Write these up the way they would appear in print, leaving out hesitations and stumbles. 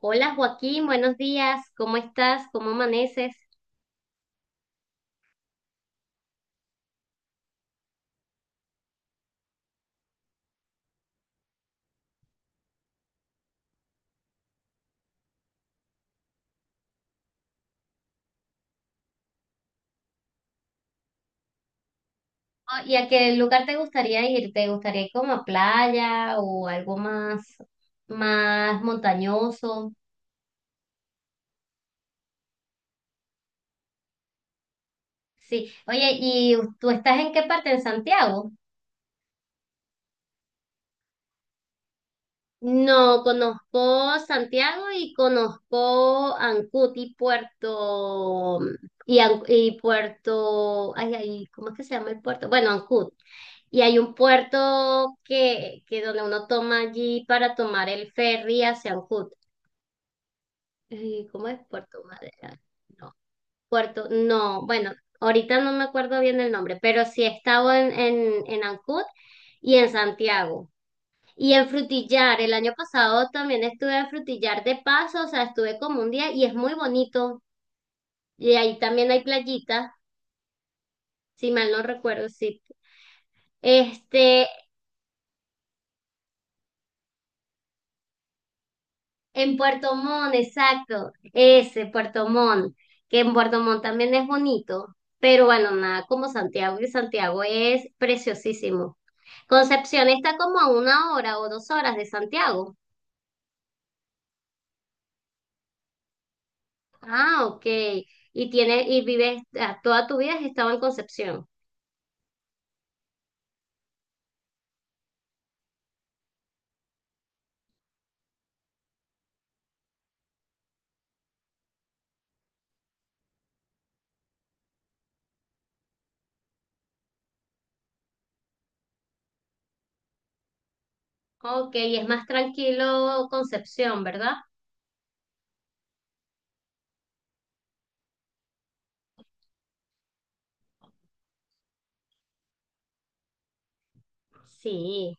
Hola Joaquín, buenos días. ¿Cómo estás? ¿Cómo amaneces? Ah, ¿y a qué lugar te gustaría ir? ¿Te gustaría ir como a playa o algo más montañoso? Sí. Oye, ¿y tú estás en qué parte? ¿En Santiago? No, conozco Santiago y conozco Ancud y Puerto y Puerto, ay, ay, ¿cómo es que se llama el puerto? Bueno, Ancud. Y hay un puerto que donde uno toma allí para tomar el ferry hacia Ancud. ¿Cómo es Puerto Madera? No, Puerto, no, bueno, ahorita no me acuerdo bien el nombre, pero sí he estado en Ancud y en Santiago. Y en Frutillar, el año pasado también estuve en Frutillar de paso, o sea, estuve como un día y es muy bonito. Y ahí también hay playitas, si mal no recuerdo, sí. Este, En Puerto Montt, exacto, ese Puerto Montt, que en Puerto Montt también es bonito, pero bueno, nada como Santiago, y Santiago es preciosísimo. Concepción está como a una hora o 2 horas de Santiago. Ah, ok. Y vives, toda tu vida has estado en Concepción. Ok, y es más tranquilo Concepción, ¿verdad? Sí.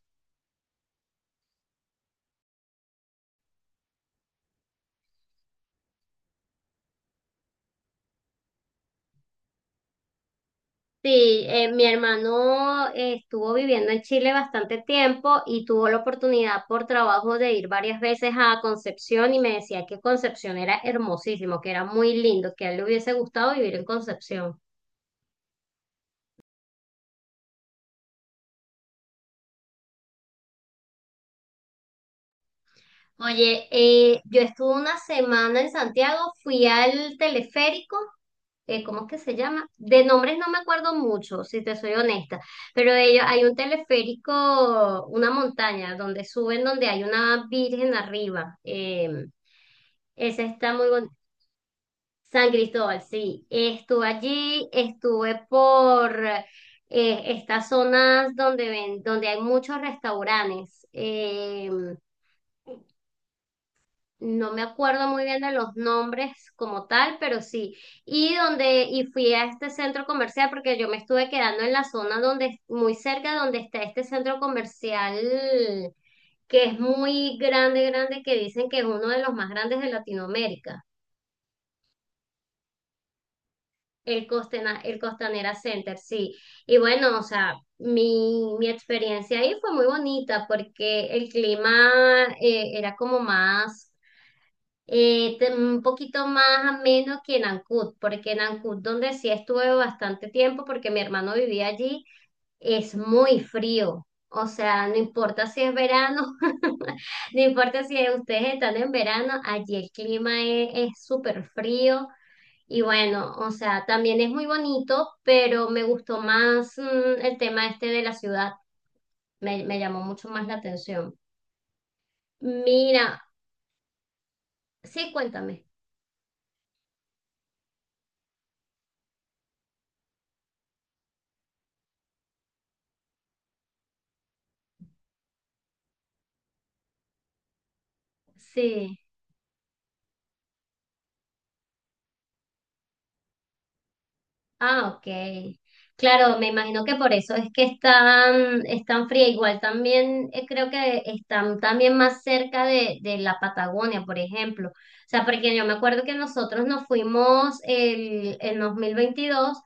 Sí, mi hermano estuvo viviendo en Chile bastante tiempo y tuvo la oportunidad por trabajo de ir varias veces a Concepción y me decía que Concepción era hermosísimo, que era muy lindo, que a él le hubiese gustado vivir en Concepción. Oye, yo estuve una semana en Santiago, fui al teleférico, ¿cómo es que se llama? De nombres no me acuerdo mucho, si te soy honesta, pero hay un teleférico, una montaña donde suben, donde hay una virgen arriba. Esa está muy bonita. San Cristóbal, sí. Estuve allí, estuve por estas zonas donde ven, donde hay muchos restaurantes. No me acuerdo muy bien de los nombres como tal, pero sí. Y fui a este centro comercial porque yo me estuve quedando en la zona donde, muy cerca donde está este centro comercial que es muy grande, grande, que dicen que es uno de los más grandes de Latinoamérica. El Costanera Center, sí. Y bueno, o sea, mi experiencia ahí fue muy bonita porque el clima era como un poquito más ameno que en Ancud, porque en Ancud, donde sí estuve bastante tiempo, porque mi hermano vivía allí, es muy frío. O sea, no importa si es verano, no importa si ustedes están en verano, allí el clima es súper frío. Y bueno, o sea, también es muy bonito, pero me gustó más el tema este de la ciudad. Me llamó mucho más la atención. Mira, sí, cuéntame. Sí. Ah, ok. Claro, me imagino que por eso es que están fría. Igual también creo que están también más cerca de la Patagonia, por ejemplo. O sea, porque yo me acuerdo que nosotros nos fuimos en 2022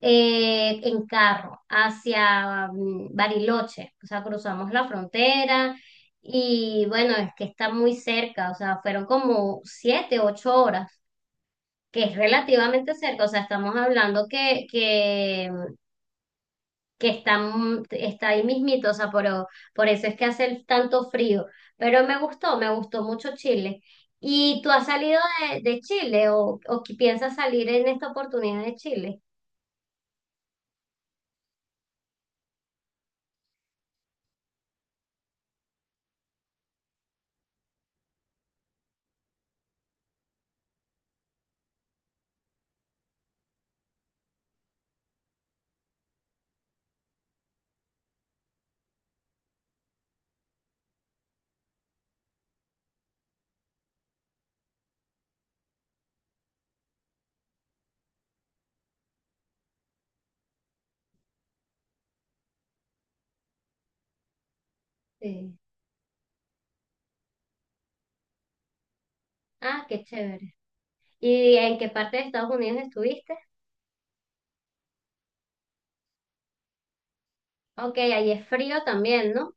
en carro hacia Bariloche, o sea, cruzamos la frontera y bueno, es que está muy cerca, o sea, fueron como 7, 8 horas, que es relativamente cerca, o sea, estamos hablando que, que está ahí mismito, o sea, por eso es que hace el tanto frío, pero me gustó mucho Chile. ¿Y tú has salido de Chile o que piensas salir en esta oportunidad de Chile? Sí. Ah, qué chévere. ¿Y en qué parte de Estados Unidos estuviste? Ok, ahí es frío también, ¿no?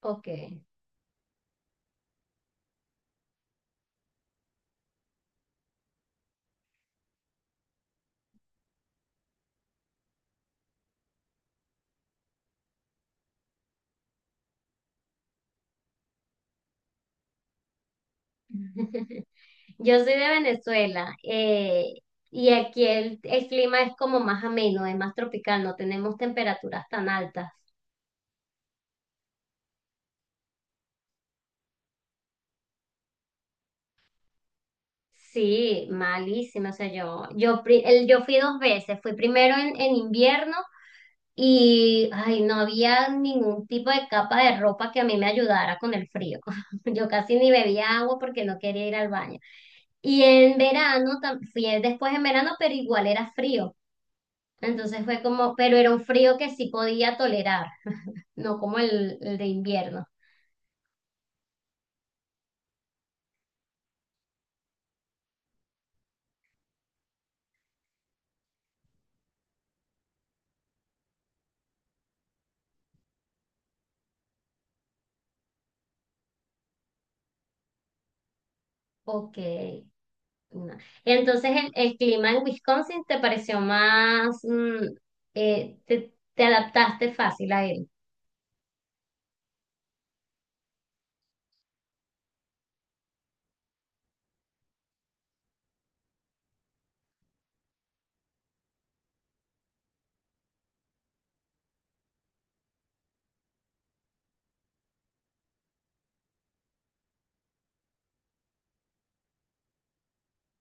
Ok. Yo soy de Venezuela y aquí el clima es como más ameno, es más tropical, no tenemos temperaturas tan altas. Sí, malísimo. O sea, yo fui dos veces. Fui primero en invierno. Y, ay, no había ningún tipo de capa de ropa que a mí me ayudara con el frío. Yo casi ni bebía agua porque no quería ir al baño. Y en verano, fui después en verano, pero igual era frío. Entonces pero era un frío que sí podía tolerar, no como el de invierno. Ok. No. Entonces el clima en Wisconsin te pareció te adaptaste fácil a él.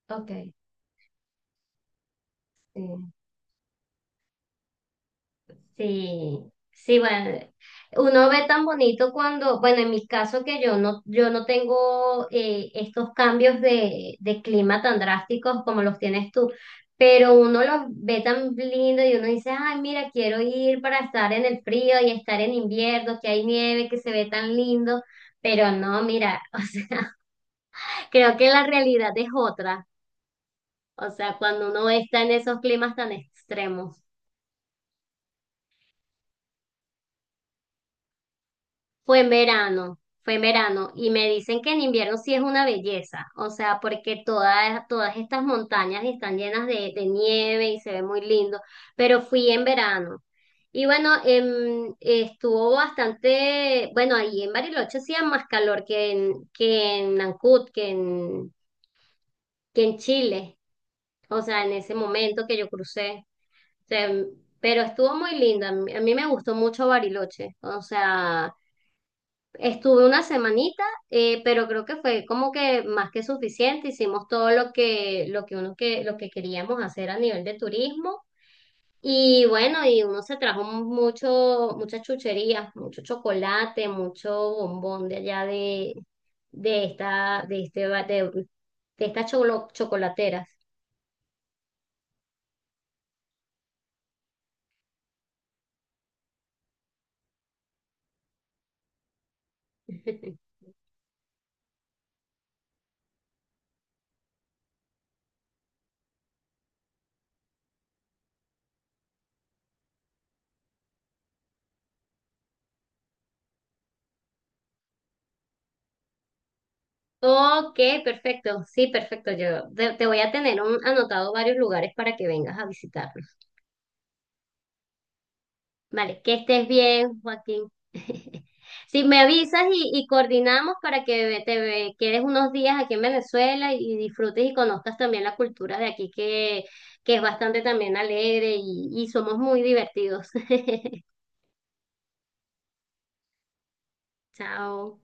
Ok, sí. Sí, sí, bueno, uno ve tan bonito cuando, bueno, en mi caso que yo no tengo estos cambios de clima tan drásticos como los tienes tú, pero uno los ve tan lindo y uno dice, ay, mira, quiero ir para estar en el frío y estar en invierno, que hay nieve, que se ve tan lindo, pero no, mira, o sea, creo que la realidad es otra, o sea, cuando uno está en esos climas tan extremos. Fue en verano y me dicen que en invierno sí es una belleza, o sea, porque todas estas montañas están llenas de nieve y se ve muy lindo, pero fui en verano. Y bueno, bueno, ahí en Bariloche hacía más calor que en, que en, Nancut, que en Chile, o sea, en ese momento que yo crucé. O sea, pero estuvo muy lindo, a mí me gustó mucho Bariloche, o sea... Estuve una semanita, pero creo que fue como que más que suficiente. Hicimos todo lo que queríamos hacer a nivel de turismo. Y bueno, y uno se trajo muchas chucherías, mucho chocolate, mucho bombón de allá de esta, de este, ba- de estas chocolateras. Ok, perfecto. Sí, perfecto. Yo te voy a tener anotado varios lugares para que vengas a visitar. Vale, que estés bien, Joaquín. Si me avisas y coordinamos para que te quedes unos días aquí en Venezuela y disfrutes y conozcas también la cultura de aquí, que es bastante también alegre y somos muy divertidos. Chao.